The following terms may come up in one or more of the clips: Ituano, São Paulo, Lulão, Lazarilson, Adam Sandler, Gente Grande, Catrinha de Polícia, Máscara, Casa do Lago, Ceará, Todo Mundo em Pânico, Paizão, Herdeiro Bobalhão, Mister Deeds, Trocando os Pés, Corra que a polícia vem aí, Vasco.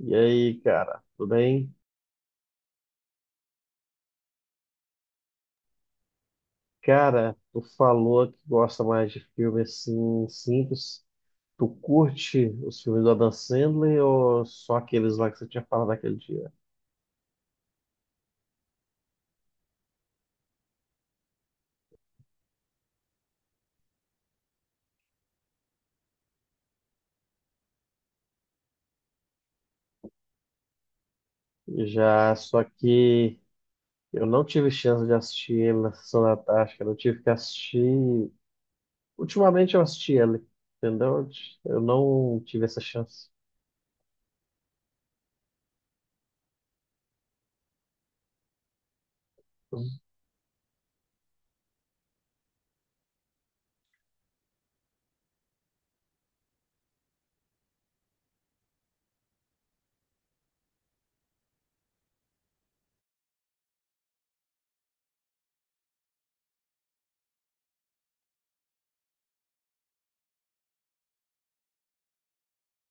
E aí, cara, tudo bem? Cara, tu falou que gosta mais de filme assim simples. Tu curte os filmes do Adam Sandler ou só aqueles lá que você tinha falado naquele dia? Já, só que eu não tive chance de assistir ele na sessão da tarde, cara. Eu tive que assistir. Ultimamente eu assisti ele, entendeu? Eu não tive essa chance.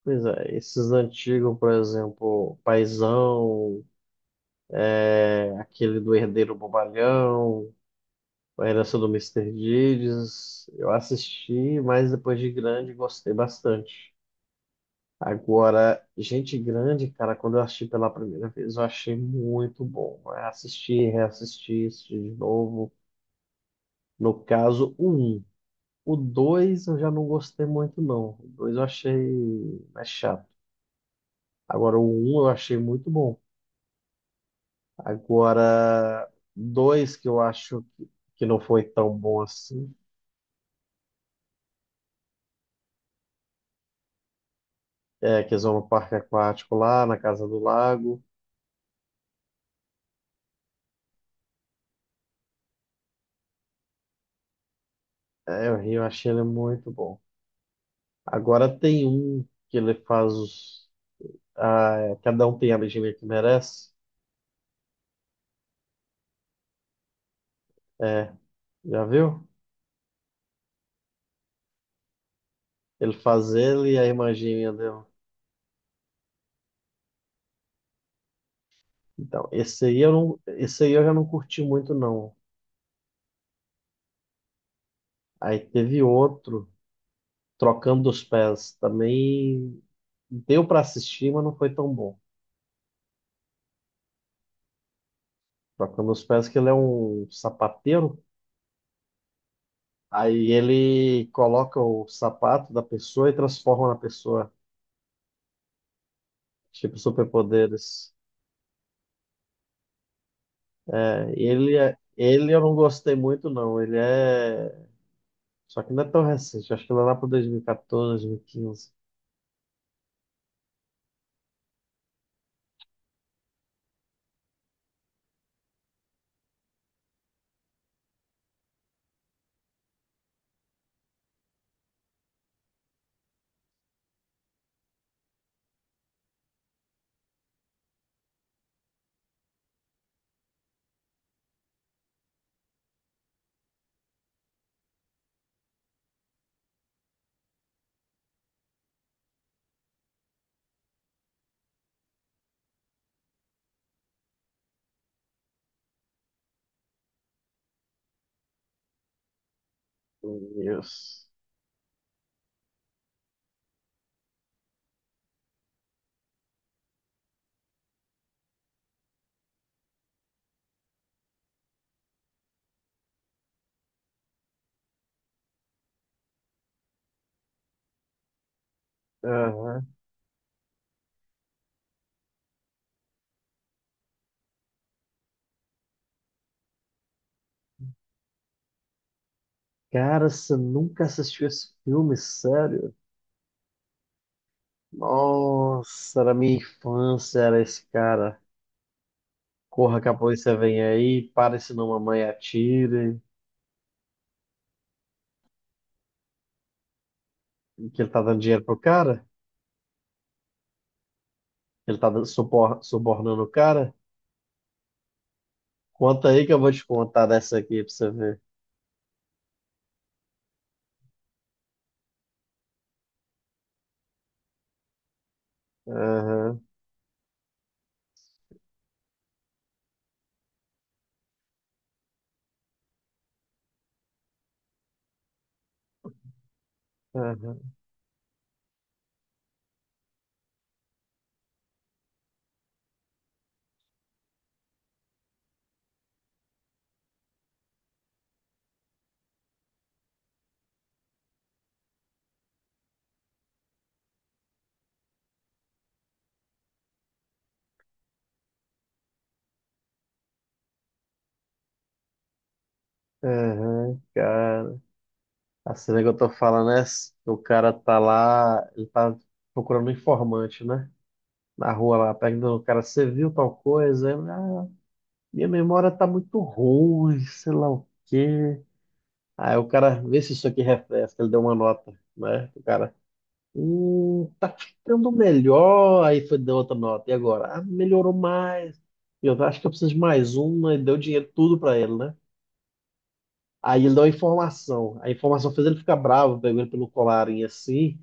Pois é, esses antigos, por exemplo, Paizão, é, aquele do Herdeiro Bobalhão, A Herança do Mister Deeds. Eu assisti, mas depois de grande gostei bastante. Agora, Gente Grande, cara, quando eu assisti pela primeira vez, eu achei muito bom, né? Assisti, reassisti, assisti de novo. No caso, o um. O dois eu já não gostei muito, não. O dois eu achei mais chato. Agora, o um eu achei muito bom. Agora, dois que eu acho que não foi tão bom assim. É, que eles vão no parque aquático lá, na Casa do Lago. É, o Rio, eu achei ele muito bom. Agora tem um que ele faz os. Ah, é, cada um tem a legenda que merece. É, já viu? Ele faz ele e a irmã dele. Então, esse aí eu já não curti muito, não. Aí teve outro, Trocando os Pés. Também deu para assistir, mas não foi tão bom. Trocando os Pés, que ele é um sapateiro. Aí ele coloca o sapato da pessoa e transforma na pessoa. Tipo, superpoderes. É, ele eu não gostei muito, não. Ele é. Só que não é tão recente. Acho que ele é lá para 2014, 2015. Meu Deus. Aham. Cara, você nunca assistiu esse filme, sério? Nossa, era minha infância, era esse cara. Corra que a polícia vem aí, pare senão mamãe atire. Que ele tá dando dinheiro pro cara? Ele tá subornando o cara? Conta aí que eu vou te contar dessa aqui pra você ver. Aham, aham, aham, cara. A cena que eu tô falando é essa, que o cara tá lá, ele tá procurando um informante, né? Na rua lá, perguntando, o cara, você viu tal coisa? Aí ele, ah, minha memória tá muito ruim, sei lá o quê. Aí o cara, vê se isso aqui refresca, ele deu uma nota, né? O cara. Tá ficando melhor. Aí foi deu outra nota. E agora? Ah, melhorou mais. Eu acho que eu preciso de mais uma. E deu dinheiro tudo pra ele, né? Aí ele deu a informação. A informação fez ele ficar bravo, pegou ele pelo colarinho assim.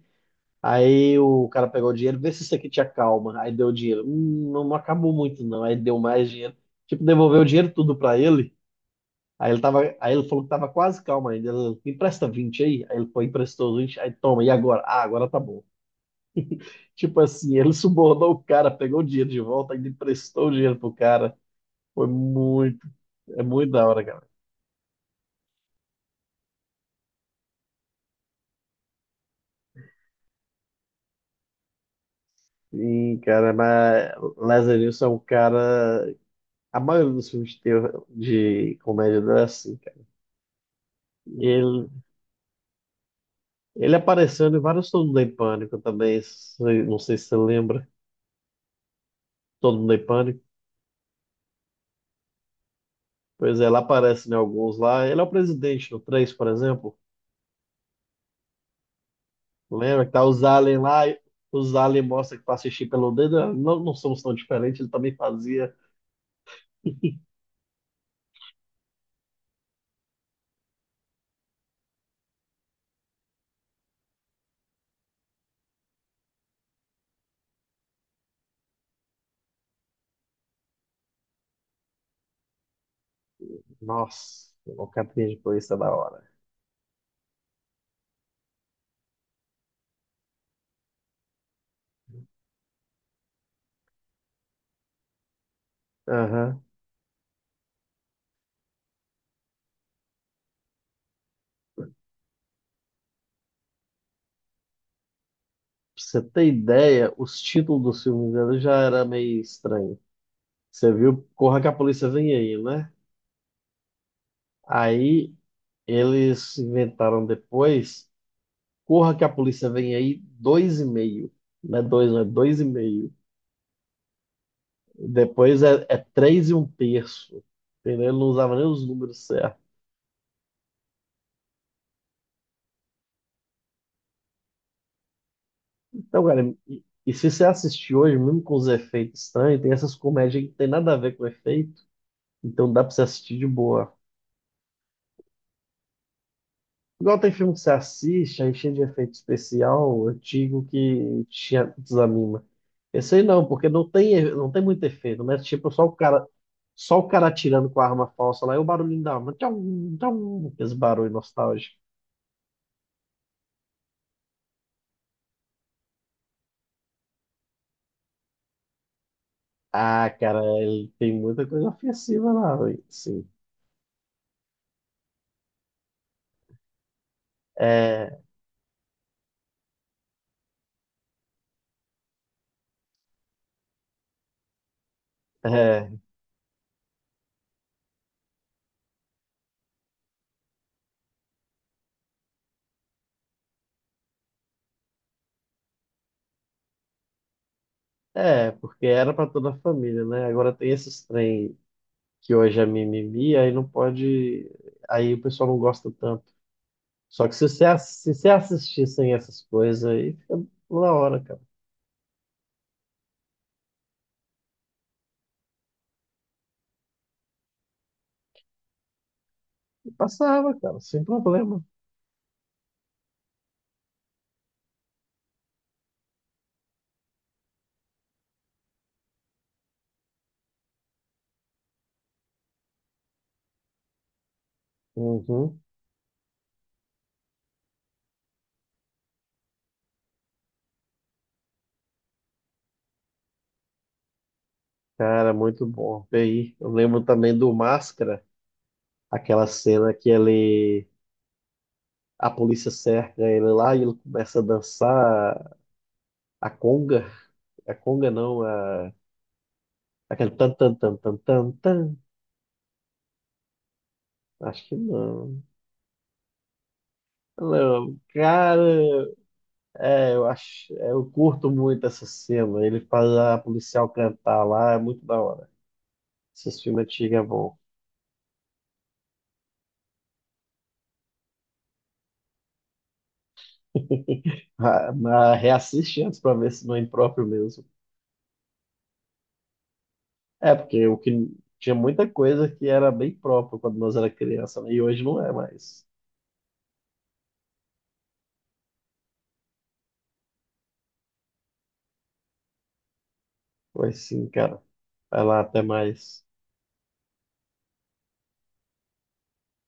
Aí o cara pegou o dinheiro, vê se isso aqui te acalma. Aí deu o dinheiro. Não, não acabou muito, não. Aí deu mais dinheiro. Tipo, devolveu o dinheiro tudo pra ele. Aí ele falou que tava quase calmo ainda. Ele, me empresta 20 aí. Aí ele foi, emprestou os 20. Aí toma, e agora? Ah, agora tá bom. Tipo assim, ele subornou o cara, pegou o dinheiro de volta, ainda emprestou o dinheiro pro cara. Foi muito, é muito da hora, cara. Sim, cara, mas Lazarilson é um cara. A maioria dos filmes de comédia dele é assim, cara. E Ele, ele apareceu em vários Todo Mundo em Pânico também. Não sei se você lembra. Todo Mundo em Pânico. Pois é, ele aparece em alguns lá. Ele é o presidente no três, por exemplo. Lembra que tá os aliens lá, e os aliens mostram que pra assistir pelo dedo, ah, não, não somos tão diferentes, ele também fazia. Nossa, o Catrinha de Polícia é da hora. Aham. Pra você ter ideia, os títulos dos filmes dele já era meio estranho. Você viu Corra que a Polícia Vem Aí, né? Aí eles inventaram depois Corra que a Polícia Vem Aí dois e meio. Não é dois, não é dois e meio. Depois é, é três e um terço. Entendeu? Ele não usava nem os números certos. Então, cara, e se você assistir hoje, mesmo com os efeitos estranhos, tem essas comédias que não tem nada a ver com o efeito, então dá pra você assistir de boa. Igual tem filme que você assiste, aí cheio de efeito especial, antigo, que te desanima. Esse aí não, porque não tem muito efeito, né? Tipo, só o cara atirando com a arma falsa lá e o barulhinho da arma. Tchau, tchau, esse barulho nostálgico. Ah, cara, ele tem muita coisa ofensiva lá, velho. Sim. É, é. É, porque era para toda a família, né? Agora tem esses trem que hoje é mimimi, aí não pode. Aí o pessoal não gosta tanto. Só que se você, se você assistissem essas coisas aí, fica na hora, cara. E passava, cara, sem problema. Uhum. Cara, muito bom. E aí, eu lembro também do Máscara, aquela cena que ele. A polícia cerca ele lá e ele começa a dançar a conga. A conga não, a. Aquele tan tan tan tan tan tan. Acho que não. Não, cara, é, eu curto muito essa cena. Ele faz a policial cantar lá, é muito da hora. Esses filmes antigos é bom. Ah, mas reassiste antes pra ver se não é impróprio mesmo. É, porque o que tinha muita coisa que era bem próprio quando nós era criança, né? E hoje não é mais. Pois sim, cara. Vai lá, até mais.